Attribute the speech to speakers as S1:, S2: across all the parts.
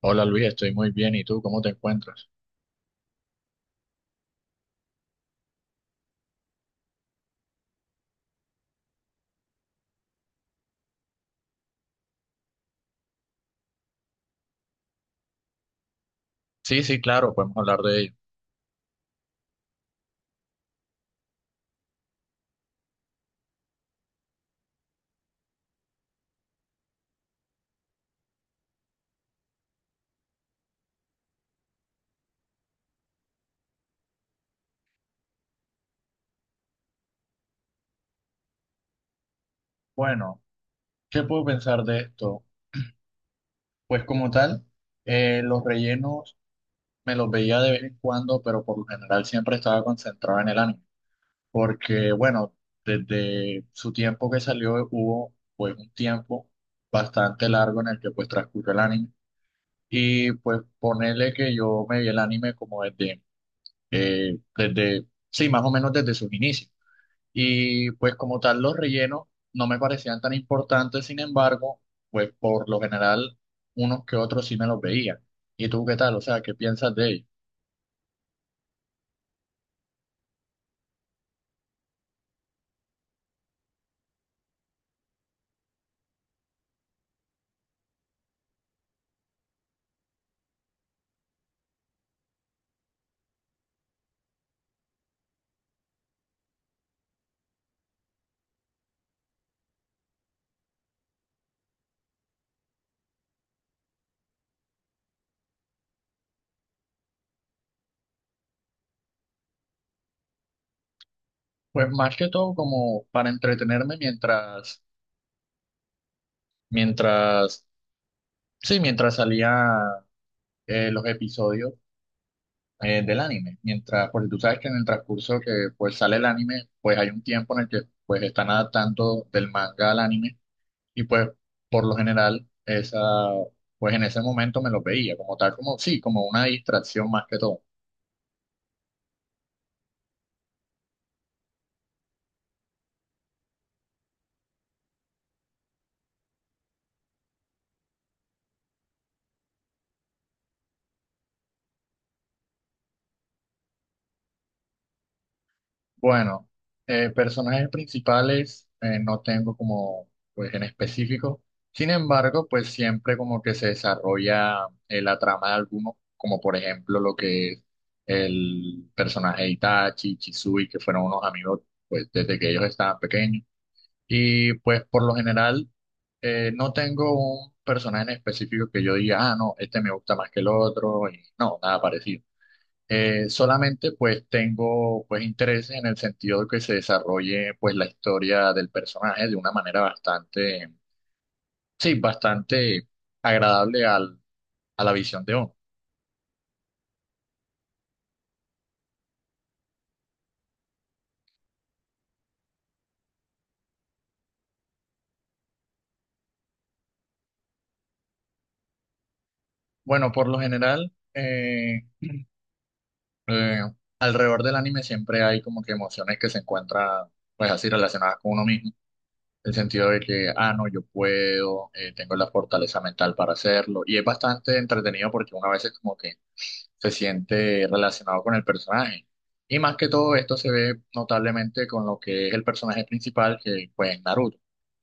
S1: Hola Luis, estoy muy bien. ¿Y tú cómo te encuentras? Sí, sí, claro, podemos hablar de ello. Bueno, ¿qué puedo pensar de esto? Pues como tal, los rellenos me los veía de vez en cuando, pero por lo general siempre estaba concentrado en el anime. Porque bueno, desde su tiempo que salió hubo pues un tiempo bastante largo en el que pues transcurrió el anime. Y pues ponerle que yo me vi el anime como desde, sí, más o menos desde sus inicios. Y pues como tal los rellenos no me parecían tan importantes, sin embargo, pues por lo general unos que otros sí me los veía. ¿Y tú qué tal? O sea, ¿qué piensas de ellos? Pues más que todo como para entretenerme mientras, sí, mientras salía los episodios del anime. Mientras, porque tú sabes que en el transcurso que pues sale el anime, pues hay un tiempo en el que pues están adaptando del manga al anime. Y pues, por lo general, esa, pues en ese momento me los veía como tal, como sí, como una distracción más que todo. Bueno, personajes principales no tengo como, pues en específico. Sin embargo, pues siempre como que se desarrolla la trama de algunos, como por ejemplo lo que es el personaje de Itachi, Chisui, que fueron unos amigos, pues desde que ellos estaban pequeños. Y pues por lo general no tengo un personaje en específico que yo diga, ah, no, este me gusta más que el otro, y no, nada parecido. Solamente pues tengo pues interés en el sentido de que se desarrolle pues la historia del personaje de una manera bastante, sí, bastante agradable al, a la visión de uno. Bueno, por lo general, eh, alrededor del anime siempre hay como que emociones que se encuentran pues así relacionadas con uno mismo. El sentido de que, ah, no, yo puedo, tengo la fortaleza mental para hacerlo. Y es bastante entretenido porque una vez es como que se siente relacionado con el personaje. Y más que todo esto se ve notablemente con lo que es el personaje principal, que pues es Naruto.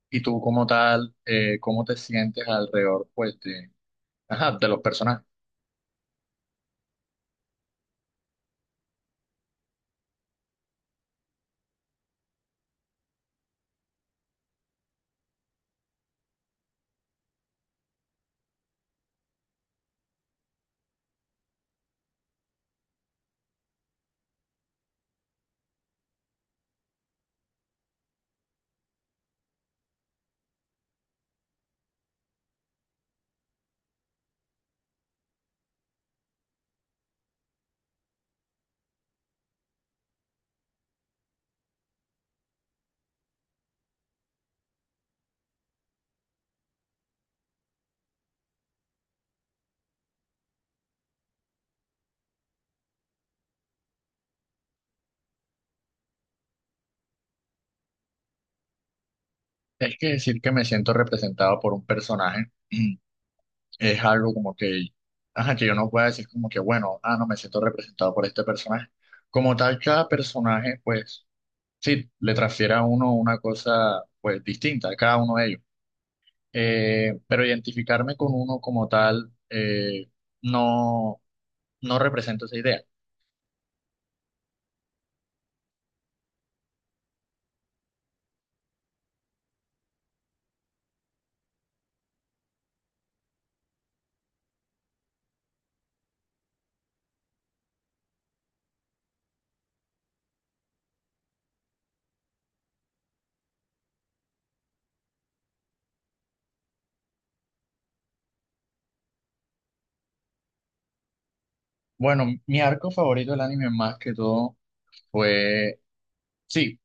S1: Y tú como tal, ¿cómo te sientes alrededor pues de, ajá, de los personajes? Es que decir que me siento representado por un personaje es algo como que, ajá, que yo no pueda decir como que, bueno, ah, no me siento representado por este personaje. Como tal, cada personaje, pues, sí, le transfiere a uno una cosa, pues, distinta a cada uno de ellos. Pero identificarme con uno como tal, no, no representa esa idea. Bueno, mi arco favorito del anime más que todo fue, sí,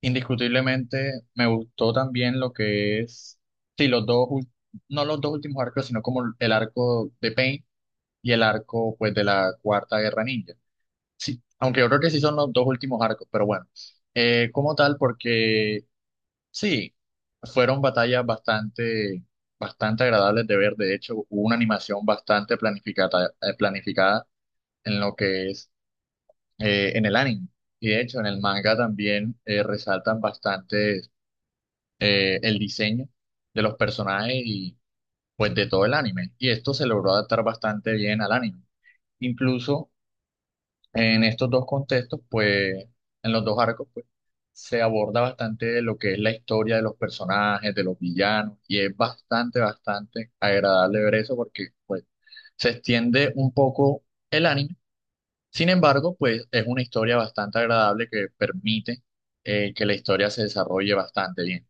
S1: indiscutiblemente me gustó también lo que es, sí, los dos, no los dos últimos arcos, sino como el arco de Pain y el arco pues de la Cuarta Guerra Ninja. Sí, aunque yo creo que sí son los dos últimos arcos, pero bueno. Como tal, porque sí, fueron batallas bastante, bastante agradables de ver. De hecho, hubo una animación bastante planificada, planificada en lo que es en el anime. Y de hecho, en el manga también resaltan bastante el diseño de los personajes y pues de todo el anime. Y esto se logró adaptar bastante bien al anime. Incluso en estos dos contextos, pues en los dos arcos, pues se aborda bastante lo que es la historia de los personajes, de los villanos, y es bastante, bastante agradable ver eso porque pues se extiende un poco el anime. Sin embargo, pues es una historia bastante agradable que permite que la historia se desarrolle bastante bien.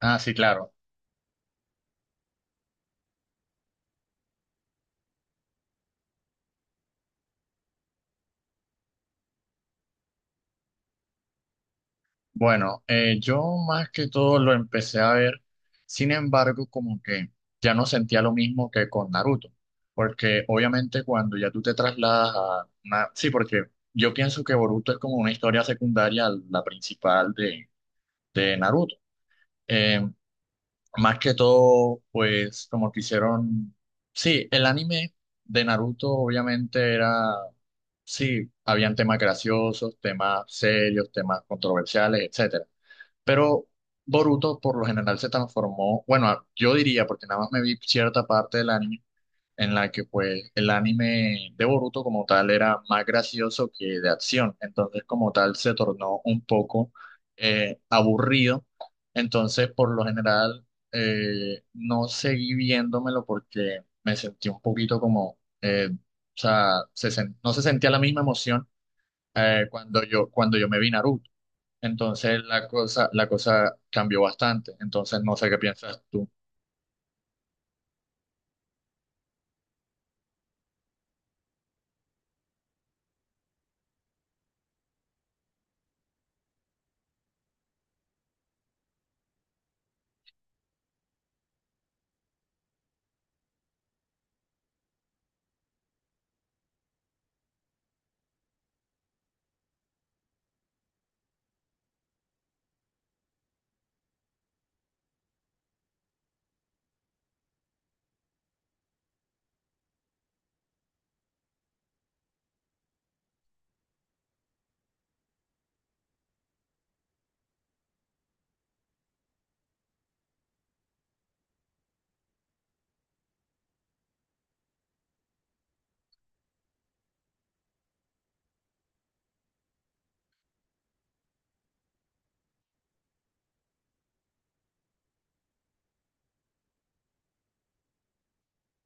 S1: Ah, sí, claro. Bueno, yo más que todo lo empecé a ver, sin embargo, como que ya no sentía lo mismo que con Naruto, porque obviamente cuando ya tú te trasladas a una... Sí, porque yo pienso que Boruto es como una historia secundaria a la principal de Naruto. Eh, Más que todo, pues como que hicieron... Sí, el anime de Naruto obviamente era... Sí, habían temas graciosos, temas serios, temas controversiales, etcétera. Pero Boruto por lo general se transformó, bueno, yo diría, porque nada más me vi cierta parte del anime en la que pues el anime de Boruto como tal era más gracioso que de acción, entonces como tal se tornó un poco aburrido, entonces por lo general no seguí viéndomelo porque me sentí un poquito como, o sea, no se sentía la misma emoción cuando yo me vi Naruto. Entonces la cosa cambió bastante. Entonces no sé qué piensas tú.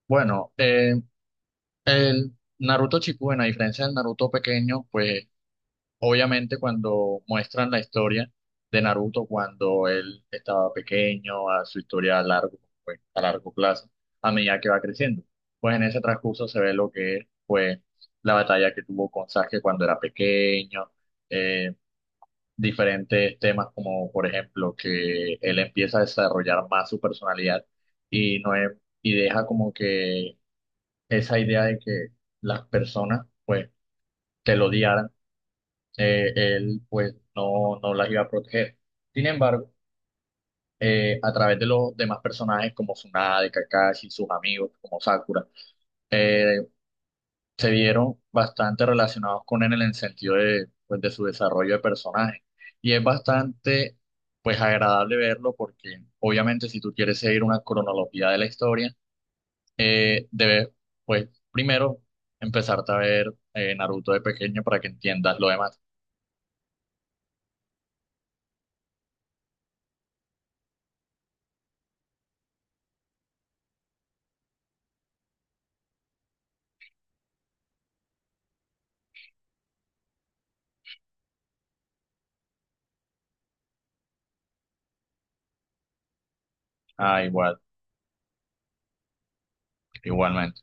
S1: Bueno, el Naruto Shippuden, a diferencia del Naruto pequeño, pues obviamente cuando muestran la historia de Naruto cuando él estaba pequeño, a su historia a largo, pues, a largo plazo, a medida que va creciendo, pues en ese transcurso se ve lo que es, pues, la batalla que tuvo con Sasuke cuando era pequeño, eh, diferentes temas, como por ejemplo que él empieza a desarrollar más su personalidad y, no es- y deja como que esa idea de que las personas pues que lo odiaran, él pues no, no las iba a proteger. Sin embargo, a través de los demás personajes como Tsunade, Kakashi, sus amigos como Sakura, eh, se vieron bastante relacionados con él en el sentido de, pues, de su desarrollo de personaje. Y es bastante, pues, agradable verlo porque obviamente si tú quieres seguir una cronología de la historia, debes, pues, primero empezarte a ver Naruto de pequeño para que entiendas lo demás. Ah, igual, igualmente.